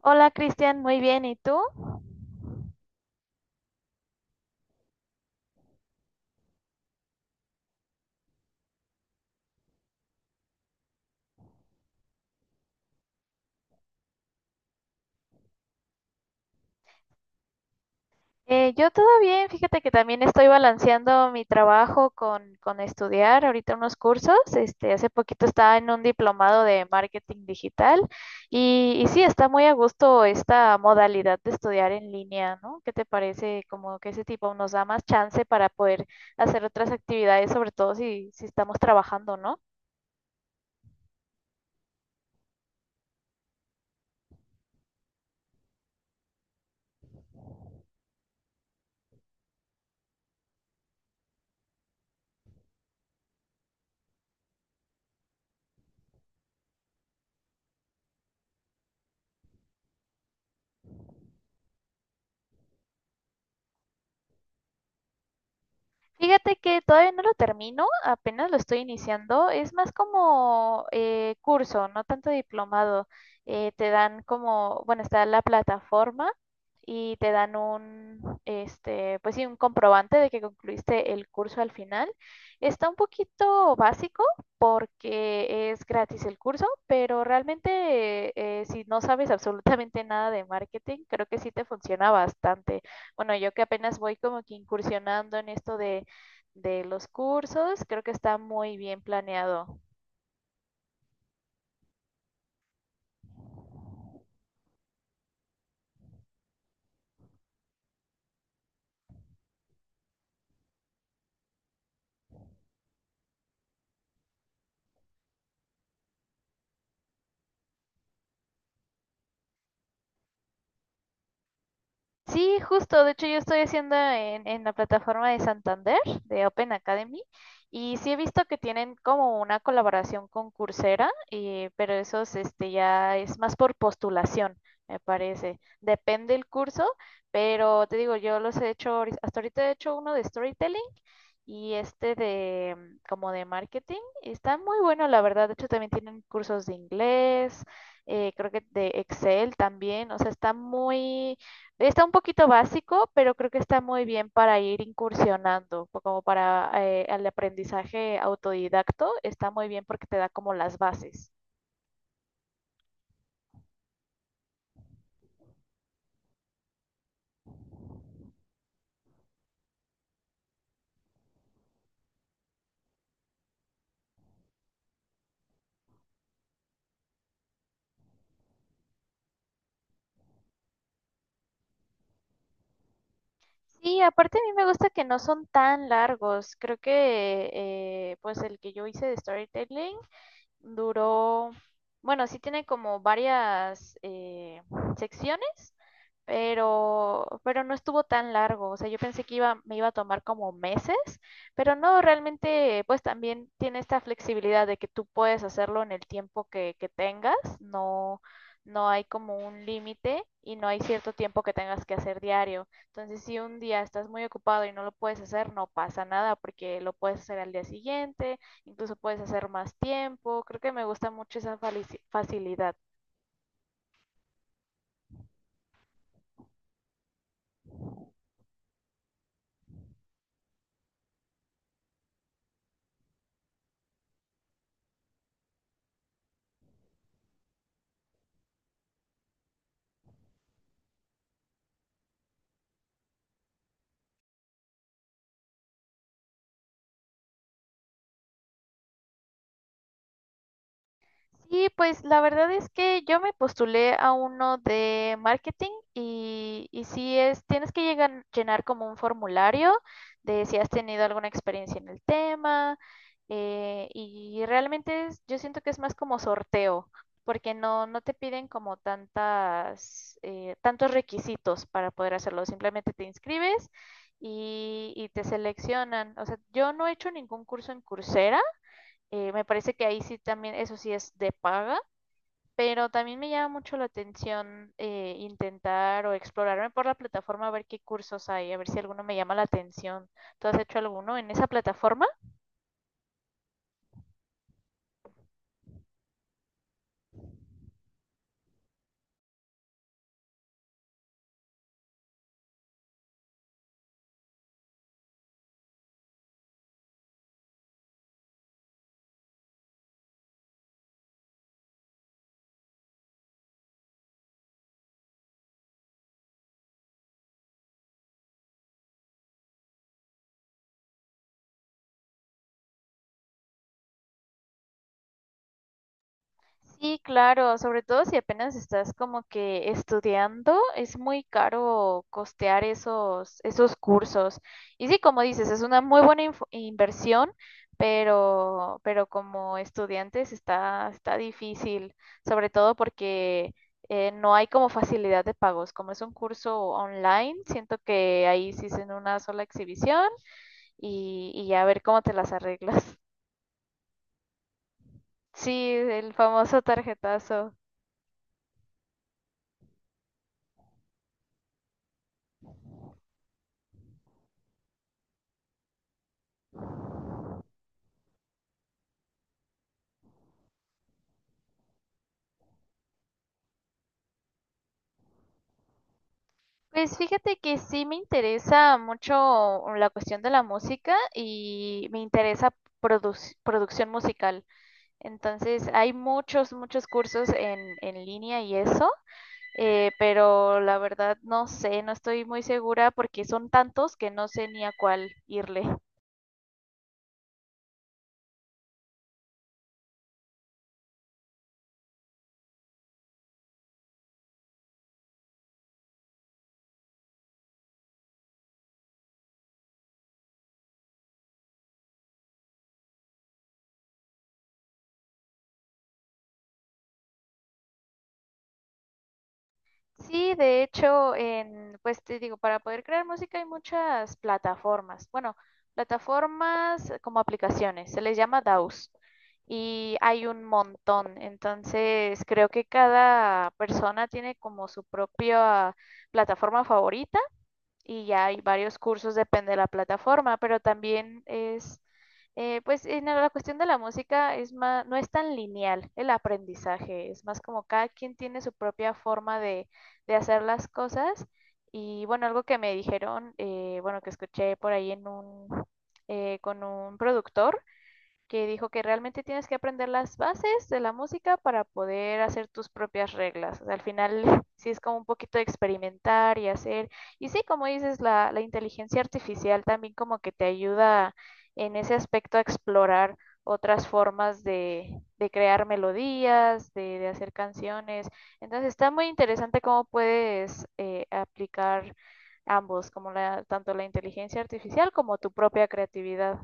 Hola Cristian, muy bien, ¿y tú? Yo todo bien, fíjate que también estoy balanceando mi trabajo con estudiar ahorita unos cursos. Este, hace poquito estaba en un diplomado de marketing digital y sí, está muy a gusto esta modalidad de estudiar en línea, ¿no? ¿Qué te parece? Como que ese tipo nos da más chance para poder hacer otras actividades, sobre todo si estamos trabajando, ¿no? Fíjate que todavía no lo termino, apenas lo estoy iniciando. Es más como curso, no tanto diplomado. Te dan como, bueno, está la plataforma y te dan un, este, pues sí, un comprobante de que concluiste el curso al final. Está un poquito básico porque es gratis el curso, pero realmente si no sabes absolutamente nada de marketing, creo que sí te funciona bastante. Bueno, yo que apenas voy como que incursionando en esto de los cursos. Creo que está muy bien planeado. Sí, justo. De hecho, yo estoy haciendo en la plataforma de Santander, de Open Academy, y sí he visto que tienen como una colaboración con Coursera, pero eso es, este, ya es más por postulación, me parece. Depende el curso, pero te digo, yo los he hecho, hasta ahorita he hecho uno de storytelling y este de como de marketing. Está muy bueno, la verdad. De hecho, también tienen cursos de inglés, creo que de Excel también. O sea, está muy. Está un poquito básico, pero creo que está muy bien para ir incursionando, como para el aprendizaje autodidacto, está muy bien porque te da como las bases. Sí, aparte a mí me gusta que no son tan largos. Creo que pues el que yo hice de storytelling duró, bueno, sí tiene como varias secciones, pero no estuvo tan largo. O sea, yo pensé que iba, me iba a tomar como meses, pero no, realmente, pues también tiene esta flexibilidad de que tú puedes hacerlo en el tiempo que tengas. No, no hay como un límite y no hay cierto tiempo que tengas que hacer diario. Entonces, si un día estás muy ocupado y no lo puedes hacer, no pasa nada porque lo puedes hacer al día siguiente, incluso puedes hacer más tiempo. Creo que me gusta mucho esa facilidad. Sí, pues la verdad es que yo me postulé a uno de marketing y sí es, tienes que llegar, llenar como un formulario de si has tenido alguna experiencia en el tema, y realmente yo siento que es más como sorteo porque no, no te piden como tantas, tantos requisitos para poder hacerlo, simplemente te inscribes y te seleccionan. O sea, yo no he hecho ningún curso en Coursera, me parece que ahí sí también, eso sí es de paga, pero también me llama mucho la atención intentar o explorarme por la plataforma a ver qué cursos hay, a ver si alguno me llama la atención. ¿Tú has hecho alguno en esa plataforma? Sí, claro, sobre todo si apenas estás como que estudiando, es muy caro costear esos, esos cursos. Y sí, como dices, es una muy buena inversión, pero como estudiantes está, está difícil, sobre todo porque no hay como facilidad de pagos. Como es un curso online, siento que ahí sí es en una sola exhibición y ya a ver cómo te las arreglas. Sí, el famoso tarjetazo. Pues fíjate que sí me interesa mucho la cuestión de la música y me interesa producción musical. Entonces hay muchos, muchos cursos en línea y eso, pero la verdad no sé, no estoy muy segura porque son tantos que no sé ni a cuál irle. Sí, de hecho, en, pues te digo, para poder crear música hay muchas plataformas. Bueno, plataformas como aplicaciones, se les llama DAWs y hay un montón. Entonces, creo que cada persona tiene como su propia plataforma favorita y ya hay varios cursos, depende de la plataforma, pero también es, pues en la cuestión de la música es más, no es tan lineal el aprendizaje, es más como cada quien tiene su propia forma de hacer las cosas. Y bueno, algo que me dijeron, bueno, que escuché por ahí en un, con un productor, que dijo que realmente tienes que aprender las bases de la música para poder hacer tus propias reglas. O sea, al final sí es como un poquito de experimentar y hacer. Y sí, como dices, la inteligencia artificial también como que te ayuda en ese aspecto a explorar otras formas de crear melodías, de hacer canciones. Entonces está muy interesante cómo puedes aplicar ambos, como la, tanto la inteligencia artificial como tu propia creatividad.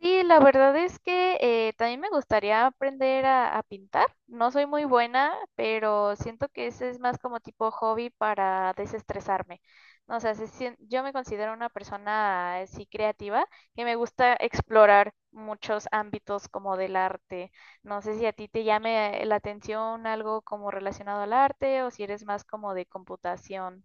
Sí, la verdad es que también me gustaría aprender a pintar. No soy muy buena, pero siento que ese es más como tipo hobby para desestresarme. No sé, yo me considero una persona así creativa que me gusta explorar muchos ámbitos como del arte. No sé si a ti te llame la atención algo como relacionado al arte o si eres más como de computación.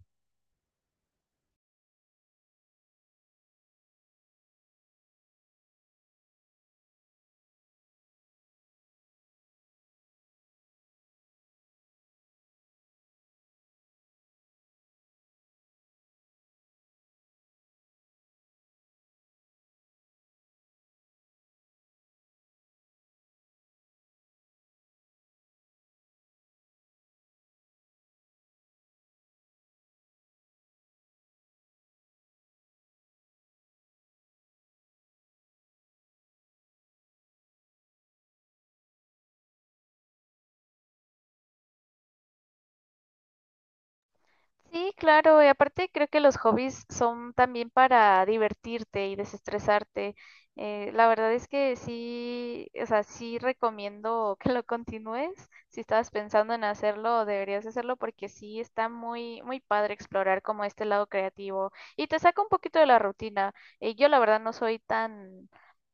Sí, claro, y aparte creo que los hobbies son también para divertirte y desestresarte. La verdad es que sí, o sea, sí recomiendo que lo continúes. Si estabas pensando en hacerlo, deberías hacerlo porque sí está muy, muy padre explorar como este lado creativo y te saca un poquito de la rutina. Yo la verdad no soy tan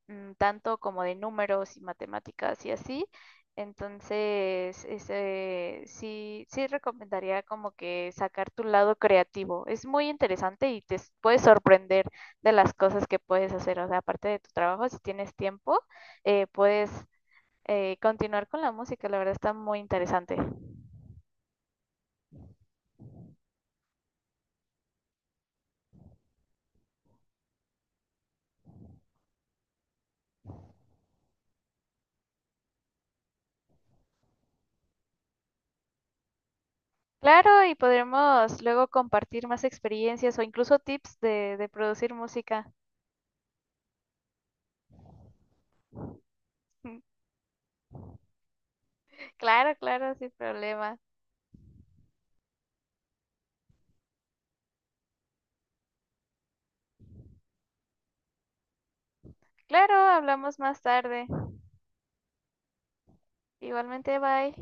tanto como de números y matemáticas y así. Entonces, ese, sí, sí recomendaría como que sacar tu lado creativo. Es muy interesante y puedes sorprender de las cosas que puedes hacer. O sea, aparte de tu trabajo, si tienes tiempo, puedes continuar con la música. La verdad está muy interesante. Claro, y podremos luego compartir más experiencias o incluso tips de producir música. Claro, claro, sin problema. Claro, hablamos más tarde. Igualmente, bye.